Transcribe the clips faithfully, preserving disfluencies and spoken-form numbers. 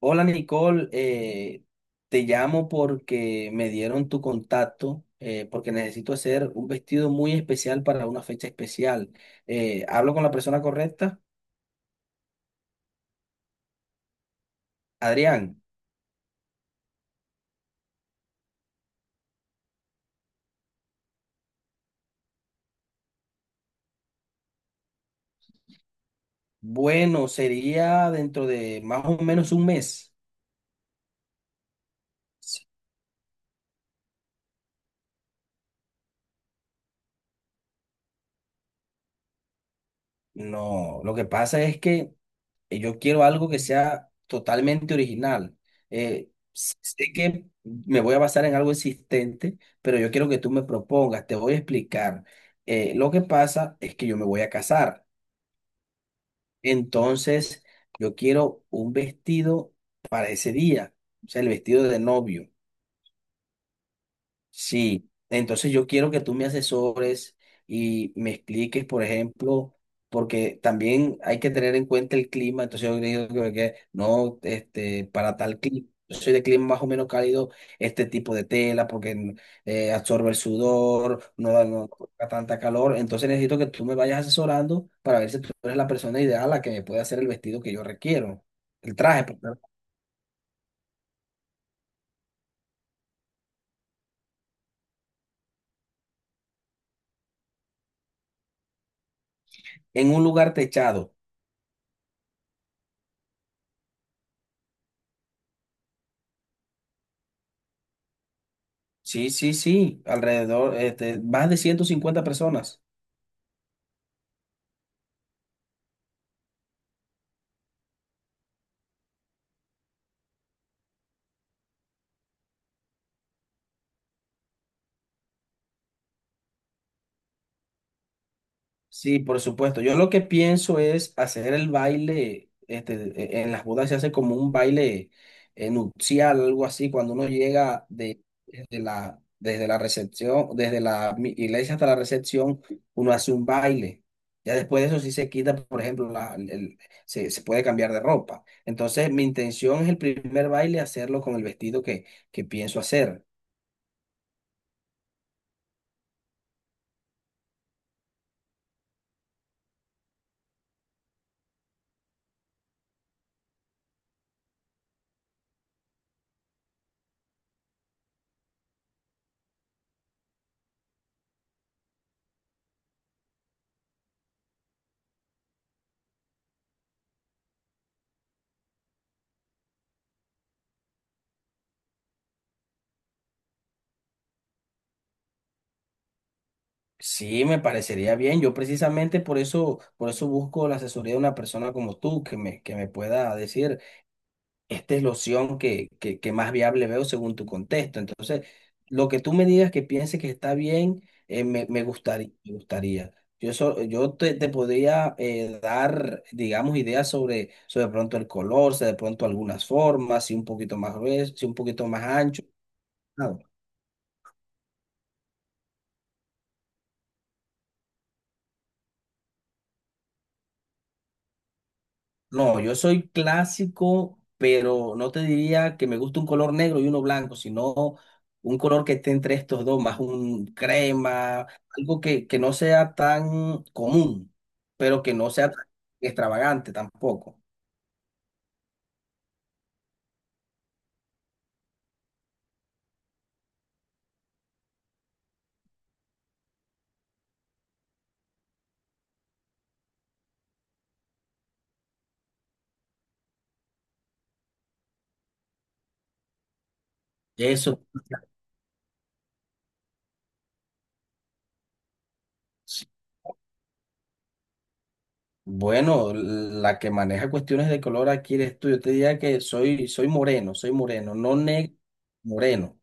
Hola Nicole, eh, te llamo porque me dieron tu contacto, eh, porque necesito hacer un vestido muy especial para una fecha especial. Eh, ¿hablo con la persona correcta? Adrián, bueno, sería dentro de más o menos un mes. No, lo que pasa es que eh, yo quiero algo que sea totalmente original. Eh, s- Sé que me voy a basar en algo existente, pero yo quiero que tú me propongas, te voy a explicar. Eh, lo que pasa es que yo me voy a casar, entonces yo quiero un vestido para ese día, o sea, el vestido de novio. Sí, entonces yo quiero que tú me asesores y me expliques, por ejemplo, porque también hay que tener en cuenta el clima, entonces yo digo que, que no, este, para tal clima, yo soy de clima más o menos cálido, este tipo de tela, porque mm, eh, absorbe el sudor, no da no da tanta calor, entonces necesito que tú me vayas asesorando para ver si tú eres la persona ideal a la que me puede hacer el vestido que yo requiero, el traje, perdón, en un lugar techado. Sí, sí, sí, alrededor, este, más de ciento cincuenta personas. Sí, por supuesto. Yo lo que pienso es hacer el baile, este, e- en las bodas se hace como un baile eh, nupcial, algo así, cuando uno llega de, desde la, desde la recepción, desde la mi- iglesia hasta la recepción, uno hace un baile. Ya después de eso sí se quita, por ejemplo, la- el- se, se puede cambiar de ropa. Entonces, mi intención es el primer baile hacerlo con el vestido que, que pienso hacer. Sí, me parecería bien. Yo precisamente por eso, por eso busco la asesoría de una persona como tú que me, que me pueda decir, esta es la opción que, que, que más viable veo según tu contexto. Entonces, lo que tú me digas que piense que está bien, eh, me, me gustaría, me gustaría. Yo, so- yo te, te podría eh, dar, digamos, ideas sobre, sobre de pronto el color, si de pronto algunas formas, si un poquito más grueso, si un poquito más ancho. Claro. No, yo soy clásico, pero no te diría que me gusta un color negro y uno blanco, sino un color que esté entre estos dos, más un crema, algo que, que no sea tan común, pero que no sea tan extravagante tampoco. Eso. Sí. Bueno, la que maneja cuestiones de color aquí eres tú. Yo te diría que soy, soy moreno, soy moreno, no negro, moreno.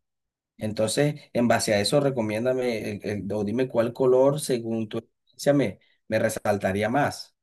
Entonces, en base a eso, recomiéndame el- el- o dime cuál color, según tu experiencia, me, me resaltaría más.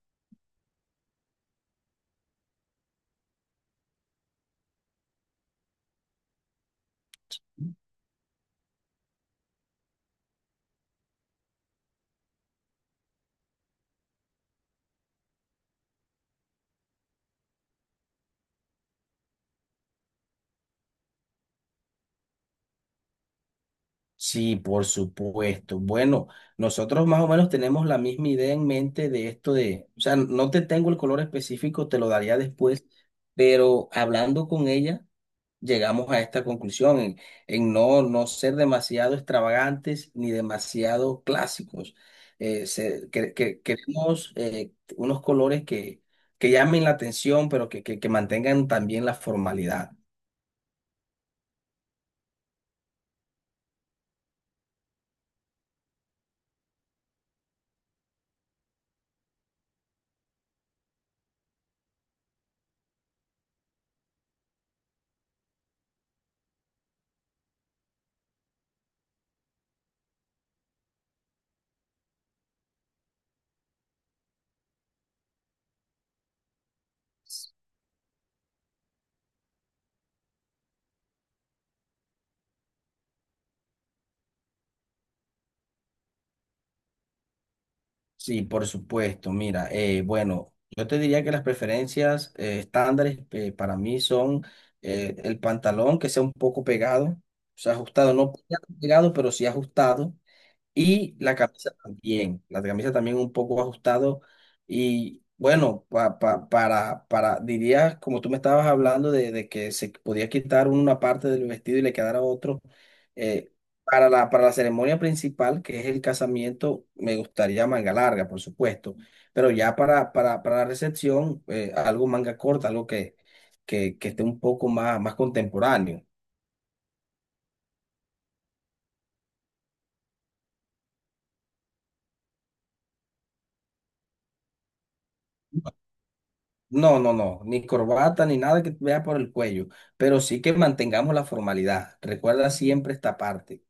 Sí, por supuesto. Bueno, nosotros más o menos tenemos la misma idea en mente de esto de, o sea, no te tengo el color específico, te lo daría después, pero hablando con ella llegamos a esta conclusión en, en no, no ser demasiado extravagantes ni demasiado clásicos. Eh, se- que, que- queremos eh, unos colores que, que llamen la atención, pero que, que, que mantengan también la formalidad. Sí, por supuesto. Mira, eh, bueno, yo te diría que las preferencias eh, estándares eh, para mí son eh, el pantalón que sea un poco pegado, o sea, ajustado, no pegado, pegado, pero sí ajustado. Y la camisa también, la camisa también un poco ajustado y bueno, pa- pa- para, para, diría, como tú me estabas hablando de, de que se podía quitar una parte del vestido y le quedara otro, eh, para la, para la ceremonia principal, que es el casamiento, me gustaría manga larga, por supuesto, pero ya para, para, para la recepción, eh, algo manga corta, algo que, que, que esté un poco más, más contemporáneo. No, no, no, ni corbata ni nada que vea por el cuello, pero sí que mantengamos la formalidad. Recuerda siempre esta parte.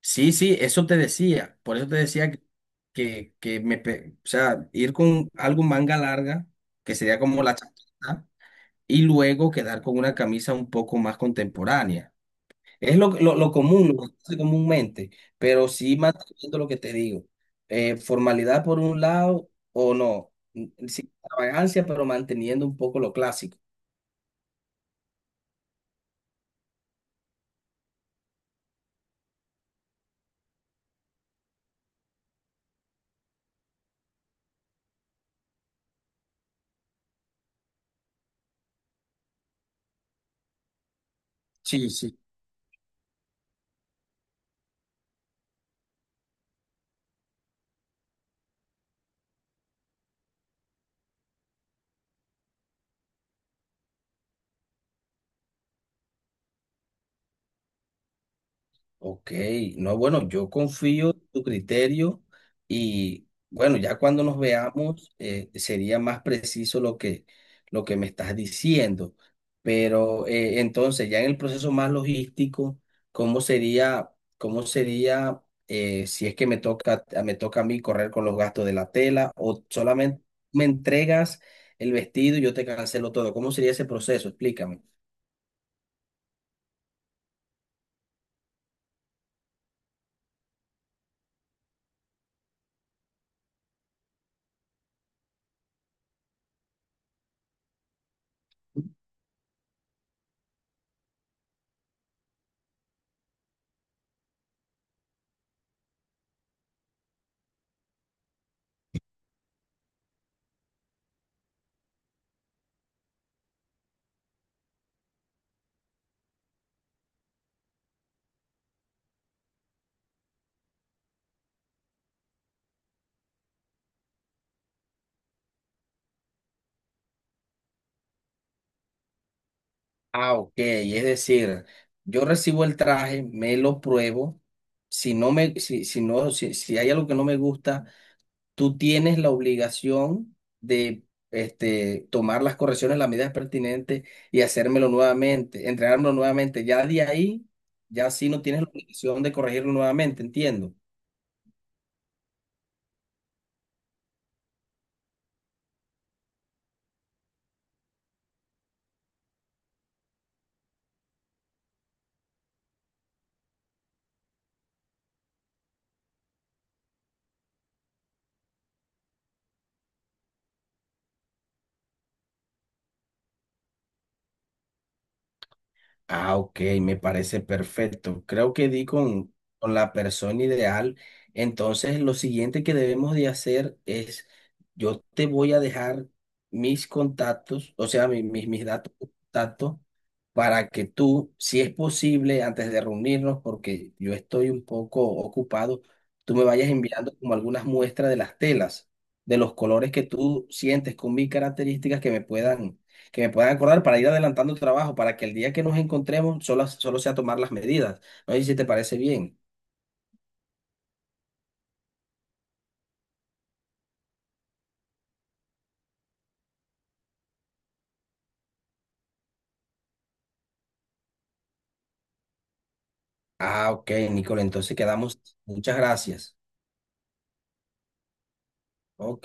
Sí, sí, eso te decía, por eso te decía que, que, que me, pe- o sea, ir con algo manga larga, que sería como la chaqueta, y luego quedar con una camisa un poco más contemporánea. Es lo, lo, lo común, lo que se hace comúnmente, pero sí manteniendo lo que te digo. Eh, formalidad por un lado o no, mm, sin extravagancia, pero manteniendo un poco lo clásico. Sí, sí. Ok, no, bueno, yo confío en tu criterio y bueno, ya cuando nos veamos eh, sería más preciso lo que, lo que me estás diciendo. Pero eh, entonces, ya en el proceso más logístico, ¿cómo sería, cómo sería eh, si es que me toca, me toca a mí correr con los gastos de la tela o solamente me entregas el vestido y yo te cancelo todo? ¿Cómo sería ese proceso? Explícame. Ah, ok. Es decir, yo recibo el traje, me lo pruebo. Si no me, si, si no, si, si hay algo que no me gusta, tú tienes la obligación de este, tomar las correcciones, las medidas pertinentes y hacérmelo nuevamente, entregármelo nuevamente. Ya de ahí, ya sí no tienes la obligación de corregirlo nuevamente, entiendo. Ah, ok, me parece perfecto. Creo que di con, con la persona ideal. Entonces, lo siguiente que debemos de hacer es, yo te voy a dejar mis contactos, o sea, mi- mi- mis datos de contacto, para que tú, si es posible, antes de reunirnos, porque yo estoy un poco ocupado, tú me vayas enviando como algunas muestras de las telas, de los colores que tú sientes con mis características que me puedan que me puedan acordar para ir adelantando el trabajo, para que el día que nos encontremos solo, solo sea tomar las medidas. No sé si te parece bien. Ah, ok, Nicole, entonces quedamos. Muchas gracias. Ok.